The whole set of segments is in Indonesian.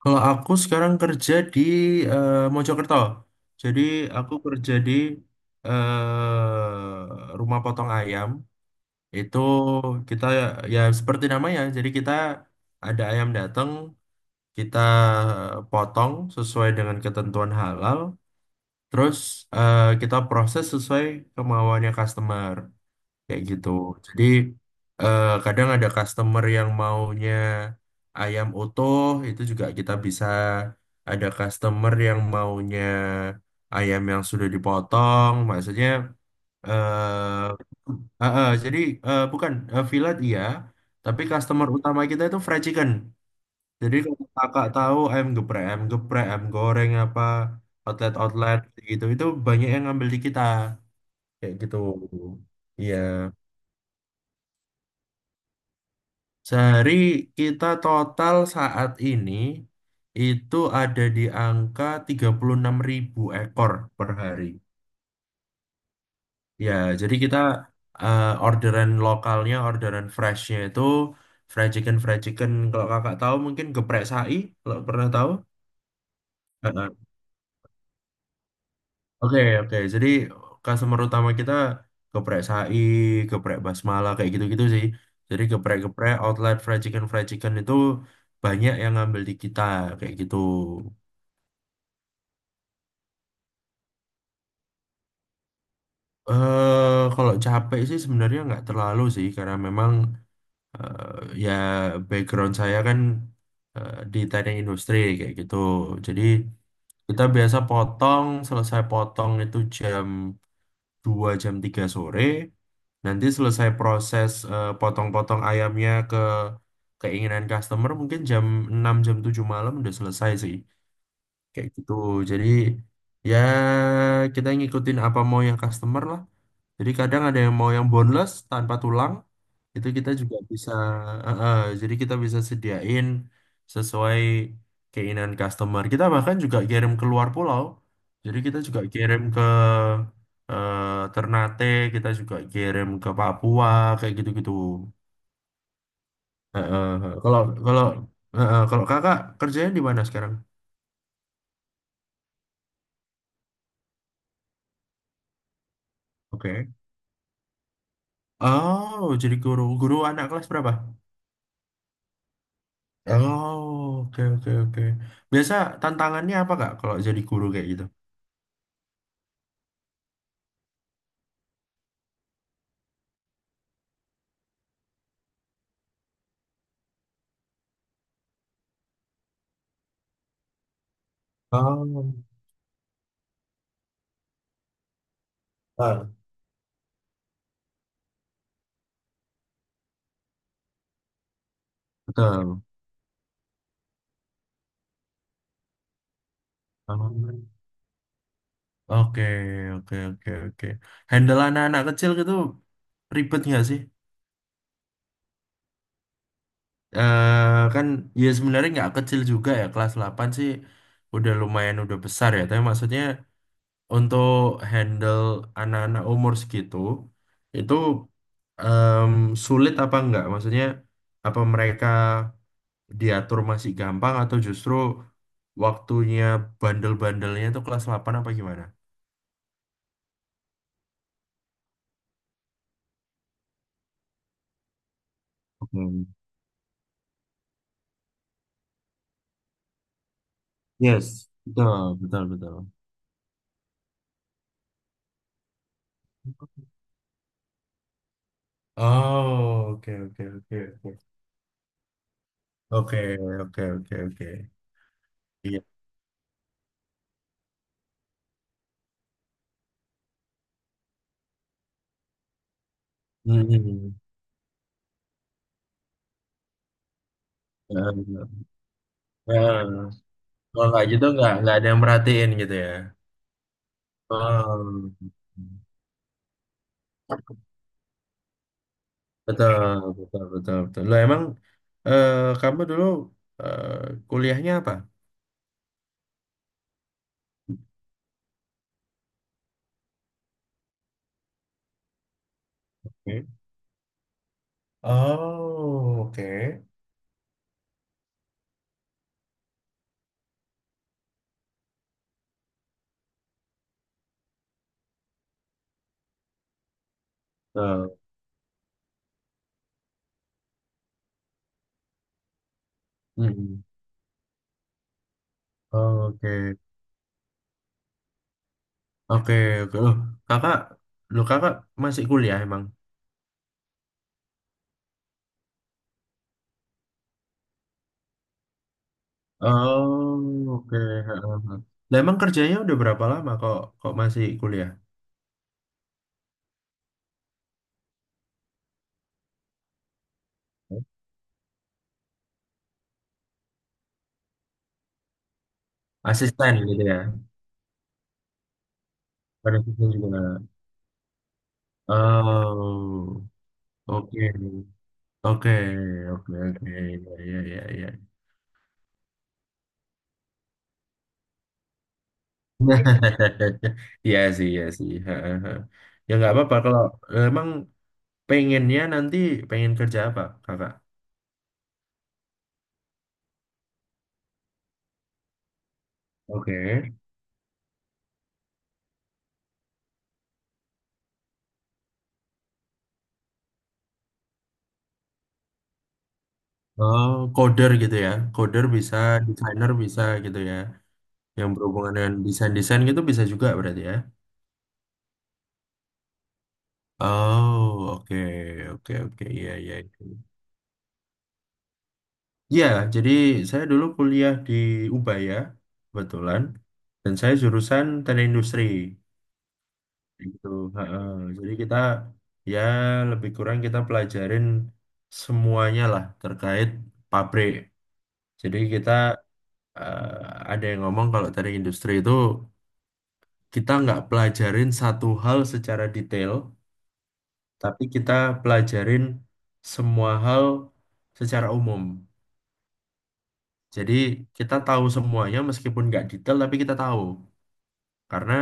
Kalau aku sekarang kerja di Mojokerto. Jadi aku kerja di rumah potong ayam. Itu kita ya seperti namanya. Jadi kita ada ayam datang, kita potong sesuai dengan ketentuan halal. Terus kita proses sesuai kemauannya customer kayak gitu. Jadi kadang ada customer yang maunya ayam utuh itu juga kita bisa, ada customer yang maunya ayam yang sudah dipotong, maksudnya eh jadi bukan fillet iya, tapi customer utama kita itu fried chicken. Jadi kalau kakak tahu ayam geprek, ayam geprek, ayam goreng apa outlet-outlet gitu itu banyak yang ngambil di kita kayak gitu. Iya. Sehari kita total saat ini itu ada di angka 36.000 ekor per hari. Ya, jadi kita orderan lokalnya, orderan freshnya itu fried chicken, fried chicken. Kalau kakak tahu mungkin geprek sai, kalau pernah tahu. Heeh. Oke, oke. Jadi customer utama kita geprek sai, geprek basmala, kayak gitu-gitu sih. Jadi geprek-geprek, outlet fried chicken itu banyak yang ngambil di kita, kayak gitu. Kalau capek sih sebenarnya nggak terlalu sih karena memang ya background saya kan di teknik industri kayak gitu. Jadi kita biasa potong, selesai potong itu jam 2 jam 3 sore. Nanti selesai proses potong-potong ayamnya ke keinginan customer mungkin jam 6 jam 7 malam udah selesai sih, kayak gitu. Jadi ya kita ngikutin apa mau yang customer lah. Jadi kadang ada yang mau yang boneless tanpa tulang, itu kita juga bisa. eh, eh, jadi kita bisa sediain sesuai keinginan customer, kita bahkan juga kirim keluar pulau. Jadi kita juga kirim ke eh, Ternate, kita juga kirim ke Papua, kayak gitu-gitu. Eh. Kalau kalau kalau kakak kerjanya di mana sekarang? Oke. Oh, jadi guru. Guru anak kelas berapa? Oh, oke, oke, oke. Biasa tantangannya apa, Kak, kalau jadi guru kayak gitu? Oh, ah. Betul. Oh, oke, oke, oke, oke. Handle anak-anak kecil gitu ribet nggak sih? Kan ya sebenarnya nggak kecil juga ya, kelas 8 sih udah lumayan udah besar ya, tapi maksudnya untuk handle anak-anak umur segitu itu, em, sulit apa enggak? Maksudnya apa mereka diatur masih gampang atau justru waktunya bandel-bandelnya itu kelas 8 apa gimana? Oke. Yes, betul, betul, betul. Oh, oke, oke, oke, oke. Oke, oke, oke, oke. Iya. Hmm. Ya, ya. Ya. Kalau nggak gitu nggak ada yang merhatiin gitu ya. Oh. Betul, betul, betul, betul. Loh, emang eh, kamu dulu eh, kuliahnya apa? Oke. Oh, oke. Betul. Mm-mm. Oh, oke, oke, oke. Kakak, loh kakak masih kuliah emang? Oh, oke. Ha, ha, ha. Lah, emang kerjanya udah berapa lama kok kok masih kuliah? Asisten gitu ya? Pada asisten juga. Oh, oke, oke, oke, oke. Ya, ya, ya, ya. Iya sih, iya sih. Heeh, heeh. Ya nggak apa-apa kalau emang pengennya nanti pengen kerja apa, Kakak? Oke. Oh, coder gitu ya. Coder bisa, desainer bisa gitu ya. Yang berhubungan dengan desain-desain gitu bisa juga berarti ya. Oh, oke, oke, oke. Iya, iya. Iya. Ya, jadi saya dulu kuliah di Ubaya, kebetulan. Dan saya jurusan teknik industri, gitu. Heeh. Jadi kita ya lebih kurang kita pelajarin semuanya lah terkait pabrik. Jadi kita ada yang ngomong kalau dari industri itu kita nggak pelajarin satu hal secara detail, tapi kita pelajarin semua hal secara umum. Jadi kita tahu semuanya meskipun nggak detail tapi kita tahu. Karena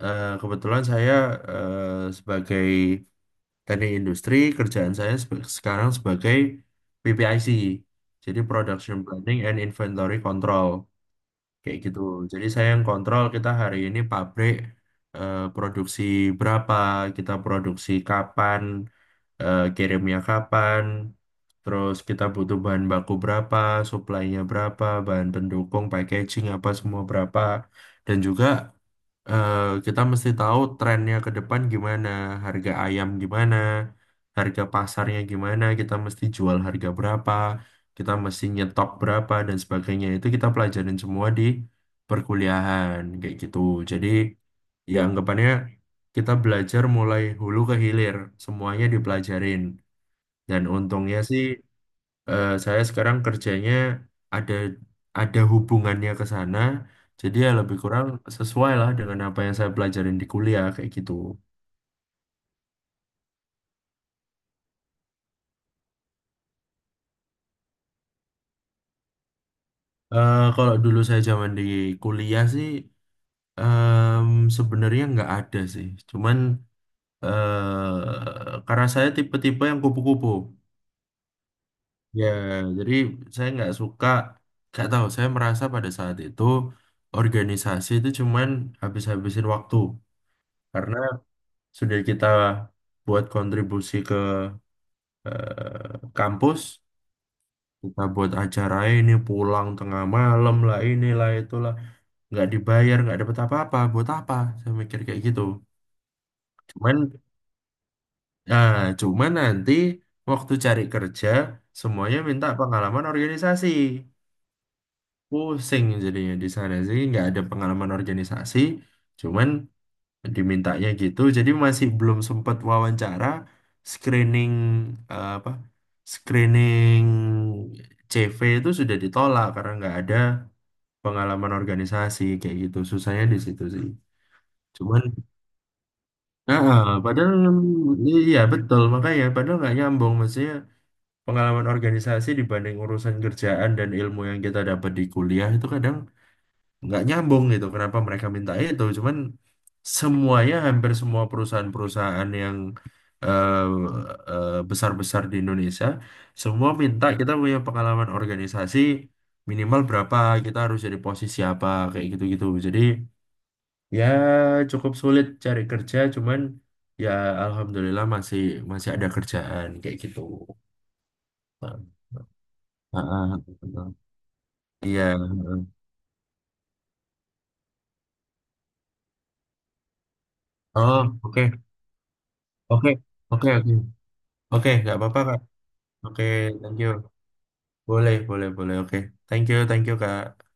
kebetulan saya sebagai Teknik industri, kerjaan saya sekarang sebagai PPIC, jadi Production Planning and Inventory Control, kayak gitu. Jadi saya yang kontrol kita hari ini pabrik produksi berapa, kita produksi kapan, kirimnya kapan, terus kita butuh bahan baku berapa, supply-nya berapa, bahan pendukung, packaging apa semua berapa, dan juga eh, kita mesti tahu trennya ke depan gimana, harga ayam gimana, harga pasarnya gimana, kita mesti jual harga berapa, kita mesti nyetok berapa dan sebagainya. Itu kita pelajarin semua di perkuliahan kayak gitu. Jadi ya anggapannya kita belajar mulai hulu ke hilir, semuanya dipelajarin. Dan untungnya sih saya sekarang kerjanya ada ada hubungannya ke sana. Jadi ya lebih kurang sesuai lah dengan apa yang saya pelajarin di kuliah kayak gitu. Kalau dulu saya zaman di kuliah sih, em, sebenarnya nggak ada sih. Cuman karena saya tipe-tipe yang kupu-kupu. Ya, jadi saya nggak suka, nggak tahu. Saya merasa pada saat itu organisasi itu cuman habis-habisin waktu. Karena sudah kita buat kontribusi ke kampus, kita buat acara ini pulang tengah malam lah, inilah itulah, nggak dibayar nggak dapet apa-apa buat apa, saya mikir kayak gitu. Cuman ah, cuman nanti waktu cari kerja semuanya minta pengalaman organisasi, pusing jadinya di sana sih nggak ada pengalaman organisasi, cuman dimintanya gitu. Jadi masih belum sempat wawancara, screening, apa screening CV itu sudah ditolak karena nggak ada pengalaman organisasi, kayak gitu, susahnya di situ sih. Cuman ah, ah, padahal, iya betul makanya padahal nggak nyambung, maksudnya pengalaman organisasi dibanding urusan kerjaan dan ilmu yang kita dapat di kuliah itu kadang nggak nyambung gitu, kenapa mereka minta itu. Cuman semuanya hampir semua perusahaan-perusahaan yang eh, besar-besar di Indonesia semua minta kita punya pengalaman organisasi, minimal berapa kita harus jadi posisi apa kayak gitu-gitu. Jadi ya cukup sulit cari kerja, cuman ya alhamdulillah masih masih ada kerjaan kayak gitu. Ah, ah, ah, ah. Iya ah. Oh, oke, oke, oke, oke. Oke, nggak apa-apa Kak. Oke, thank you. Boleh, boleh, boleh. Oke, thank you, thank you, Kak.